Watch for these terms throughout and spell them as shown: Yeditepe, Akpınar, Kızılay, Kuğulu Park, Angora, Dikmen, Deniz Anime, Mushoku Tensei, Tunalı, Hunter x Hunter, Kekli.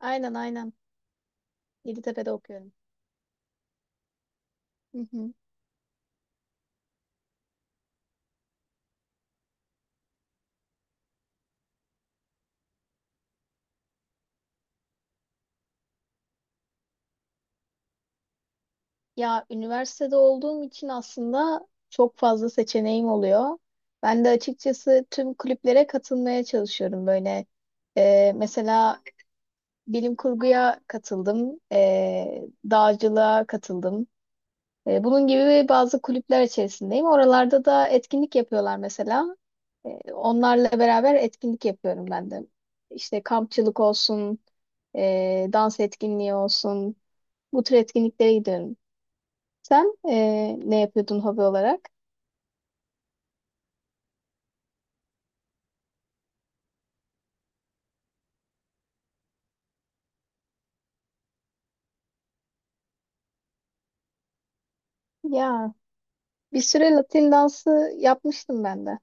Aynen, aynen. Yeditepe'de okuyorum. Hı hı. Ya üniversitede olduğum için aslında çok fazla seçeneğim oluyor. Ben de açıkçası tüm kulüplere katılmaya çalışıyorum böyle. Mesela bilim kurguya katıldım, dağcılığa katıldım. Bunun gibi bazı kulüpler içerisindeyim. Oralarda da etkinlik yapıyorlar mesela. Onlarla beraber etkinlik yapıyorum ben de. İşte kampçılık olsun, dans etkinliği olsun. Bu tür etkinliklere giderim. Sen ne yapıyordun hobi olarak? Ya bir süre Latin dansı yapmıştım ben de.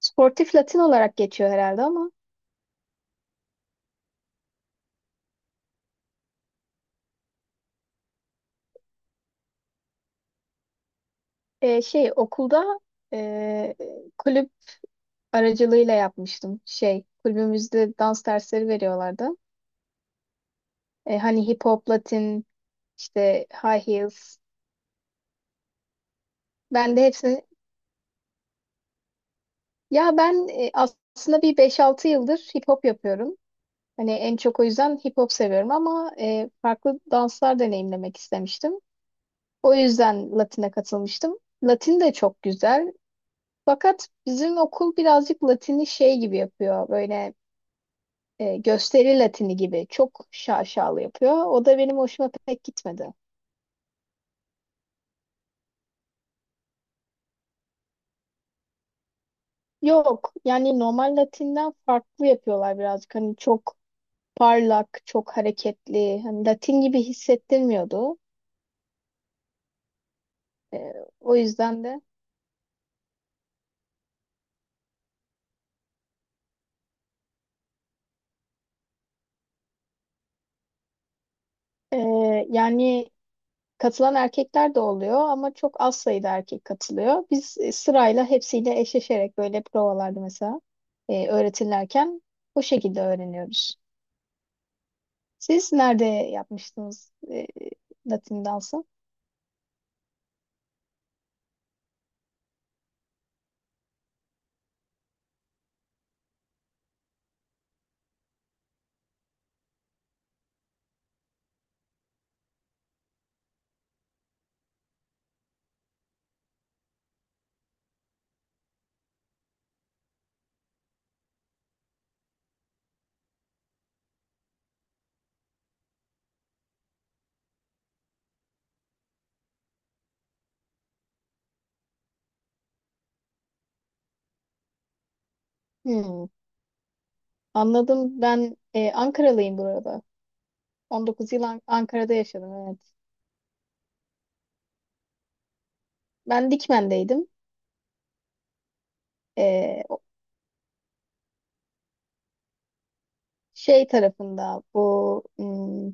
Sportif Latin olarak geçiyor herhalde ama şey okulda eee, kulüp aracılığıyla yapmıştım. Şey, kulübümüzde dans dersleri veriyorlardı. Hani hip hop, Latin, işte high heels. Ben de hepsini, ya ben aslında bir beş altı yıldır hip hop yapıyorum. Hani en çok o yüzden hip hop seviyorum ama farklı danslar deneyimlemek istemiştim. O yüzden Latin'e katılmıştım. Latin de çok güzel. Fakat bizim okul birazcık Latin'i şey gibi yapıyor. Böyle gösteri Latini gibi. Çok şaşalı yapıyor. O da benim hoşuma pek gitmedi. Yok yani normal Latin'den farklı yapıyorlar birazcık. Hani çok parlak, çok hareketli. Hani Latin gibi hissettirmiyordu. E, o yüzden de ee, yani Katılan erkekler de oluyor ama çok az sayıda erkek katılıyor. Biz sırayla hepsiyle eşleşerek böyle provalarda mesela öğretilirken bu şekilde öğreniyoruz. Siz nerede yapmıştınız Latin dansı? Hmm, anladım. Ben Ankaralıyım burada. 19 yıl Ankara'da yaşadım, evet. Ben Dikmen'deydim. E, Şey tarafında, bu,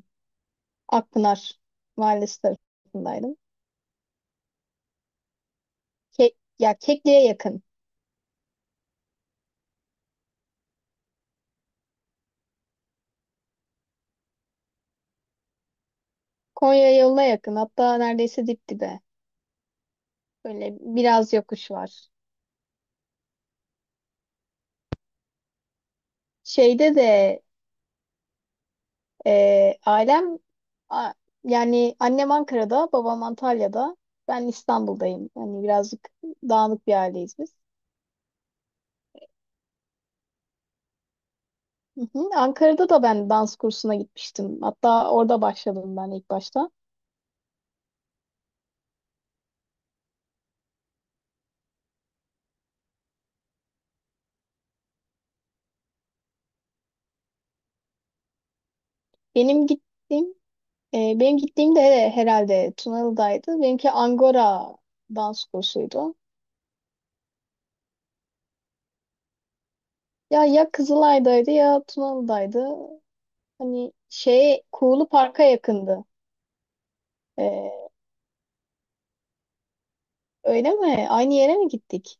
Akpınar Mahallesi tarafındaydım. Ya Kekli'ye yakın. Konya yoluna yakın. Hatta neredeyse dip dibe. Böyle biraz yokuş var. Şeyde de ailem a- yani annem Ankara'da, babam Antalya'da. Ben İstanbul'dayım. Yani birazcık dağınık bir aileyiz biz. Hı hı. Ankara'da da ben dans kursuna gitmiştim. Hatta orada başladım ben ilk başta. Benim gittiğim e, benim gittiğim de herhalde Tunalı'daydı. Benimki Angora dans kursuydu. Ya ya Kızılay'daydı ya Tunalı'daydı. Hani şeye Kuğulu Park'a yakındı. Ee, Öyle mi? Aynı yere mi gittik?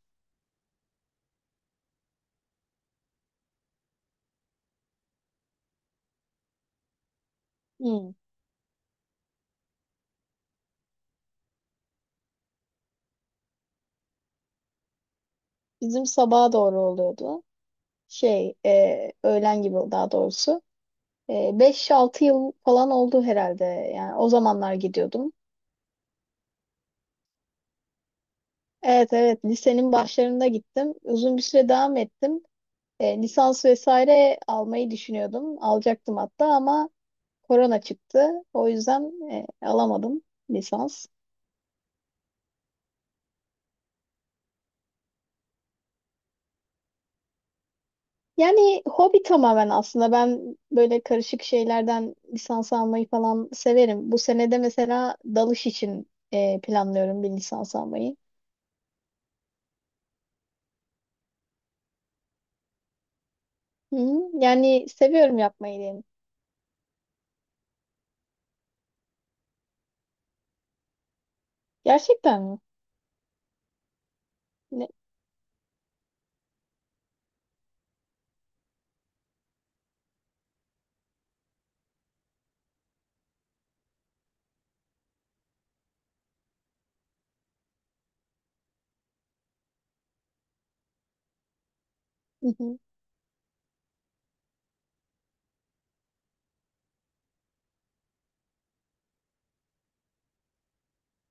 Hmm. Bizim sabaha doğru oluyordu. Şey, öğlen gibi daha doğrusu. E, 5-6 yıl falan oldu herhalde. Yani o zamanlar gidiyordum. Evet, evet, lisenin başlarında gittim. Uzun bir süre devam ettim. Lisans vesaire almayı düşünüyordum. Alacaktım hatta ama korona çıktı. O yüzden alamadım lisans. Yani hobi tamamen aslında. Ben böyle karışık şeylerden lisans almayı falan severim. Bu senede mesela dalış için planlıyorum bir lisans almayı. Hı hı. Yani seviyorum yapmayı diyelim. Gerçekten mi? Ne? Hı hı.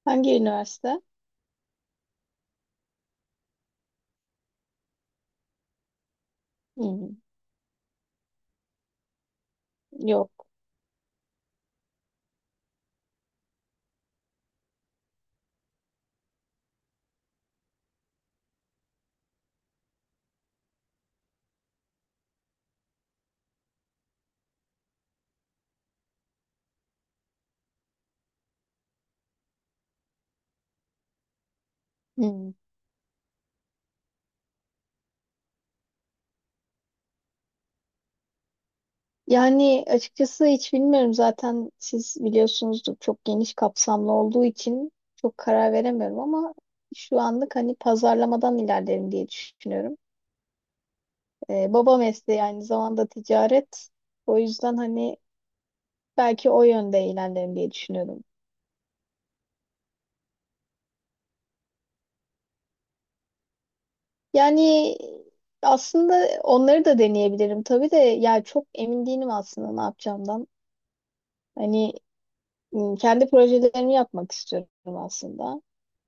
Hangi üniversite? Hı, hı. Yok. Hı. Yani açıkçası hiç bilmiyorum. Zaten siz biliyorsunuzdur, çok geniş kapsamlı olduğu için çok karar veremiyorum ama şu anlık hani pazarlamadan ilerlerim diye düşünüyorum. Baba mesleği aynı zamanda ticaret. O yüzden hani belki o yönde ilerlerim diye düşünüyorum. Yani aslında onları da deneyebilirim tabii de ya çok emin değilim aslında ne yapacağımdan. Hani kendi projelerimi yapmak istiyorum aslında.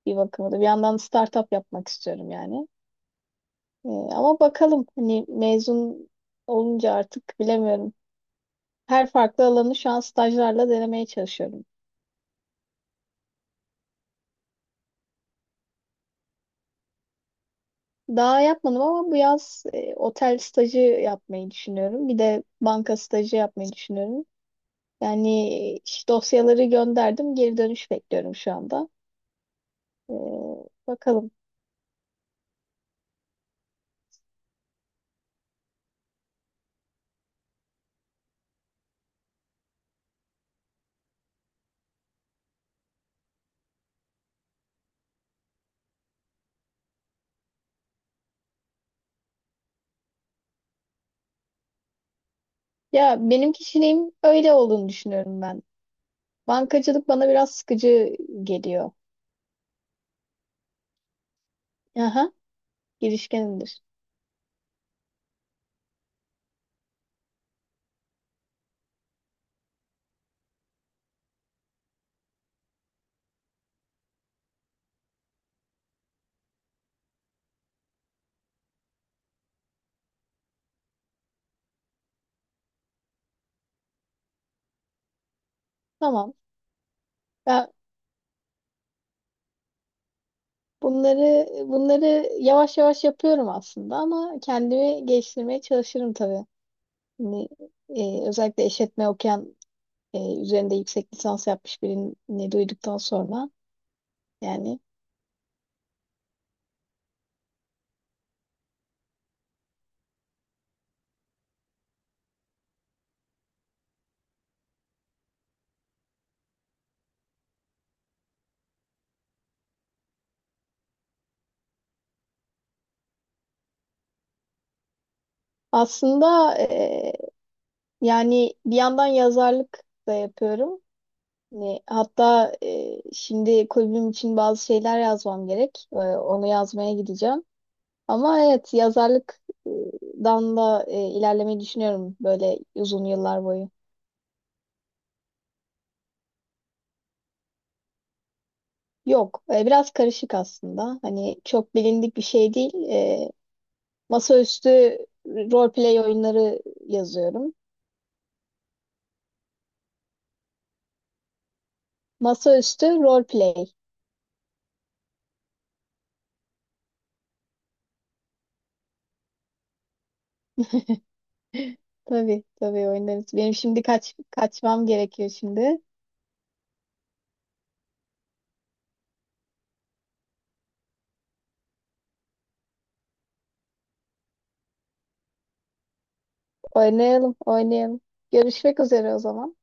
Bir bakıma da bir yandan startup yapmak istiyorum yani. Ama bakalım hani mezun olunca artık bilemiyorum. Her farklı alanı şu an stajlarla denemeye çalışıyorum. Daha yapmadım ama bu yaz otel stajı yapmayı düşünüyorum. Bir de banka stajı yapmayı düşünüyorum. Yani iş dosyaları gönderdim. Geri dönüş bekliyorum şu anda. E, Bakalım. Ya benim kişiliğim öyle olduğunu düşünüyorum ben. Bankacılık bana biraz sıkıcı geliyor. Aha, girişkenimdir. Tamam. Ya bunları yavaş yavaş yapıyorum aslında ama kendimi geliştirmeye çalışırım tabii. Yani, özellikle işletme okuyan, üzerinde yüksek lisans yapmış birini duyduktan sonra yani aslında bir yandan yazarlık da yapıyorum. Ne, hatta şimdi kulübüm için bazı şeyler yazmam gerek. Onu yazmaya gideceğim. Ama evet, yazarlıktan da ilerlemeyi düşünüyorum böyle uzun yıllar boyu. Yok, biraz karışık aslında. Hani çok bilindik bir şey değil. Masaüstü role play oyunları yazıyorum. Masaüstü role play. Tabii, tabii oynarız. Benim şimdi kaçmam gerekiyor şimdi. Oynayalım, oynayalım. Görüşmek üzere o zaman.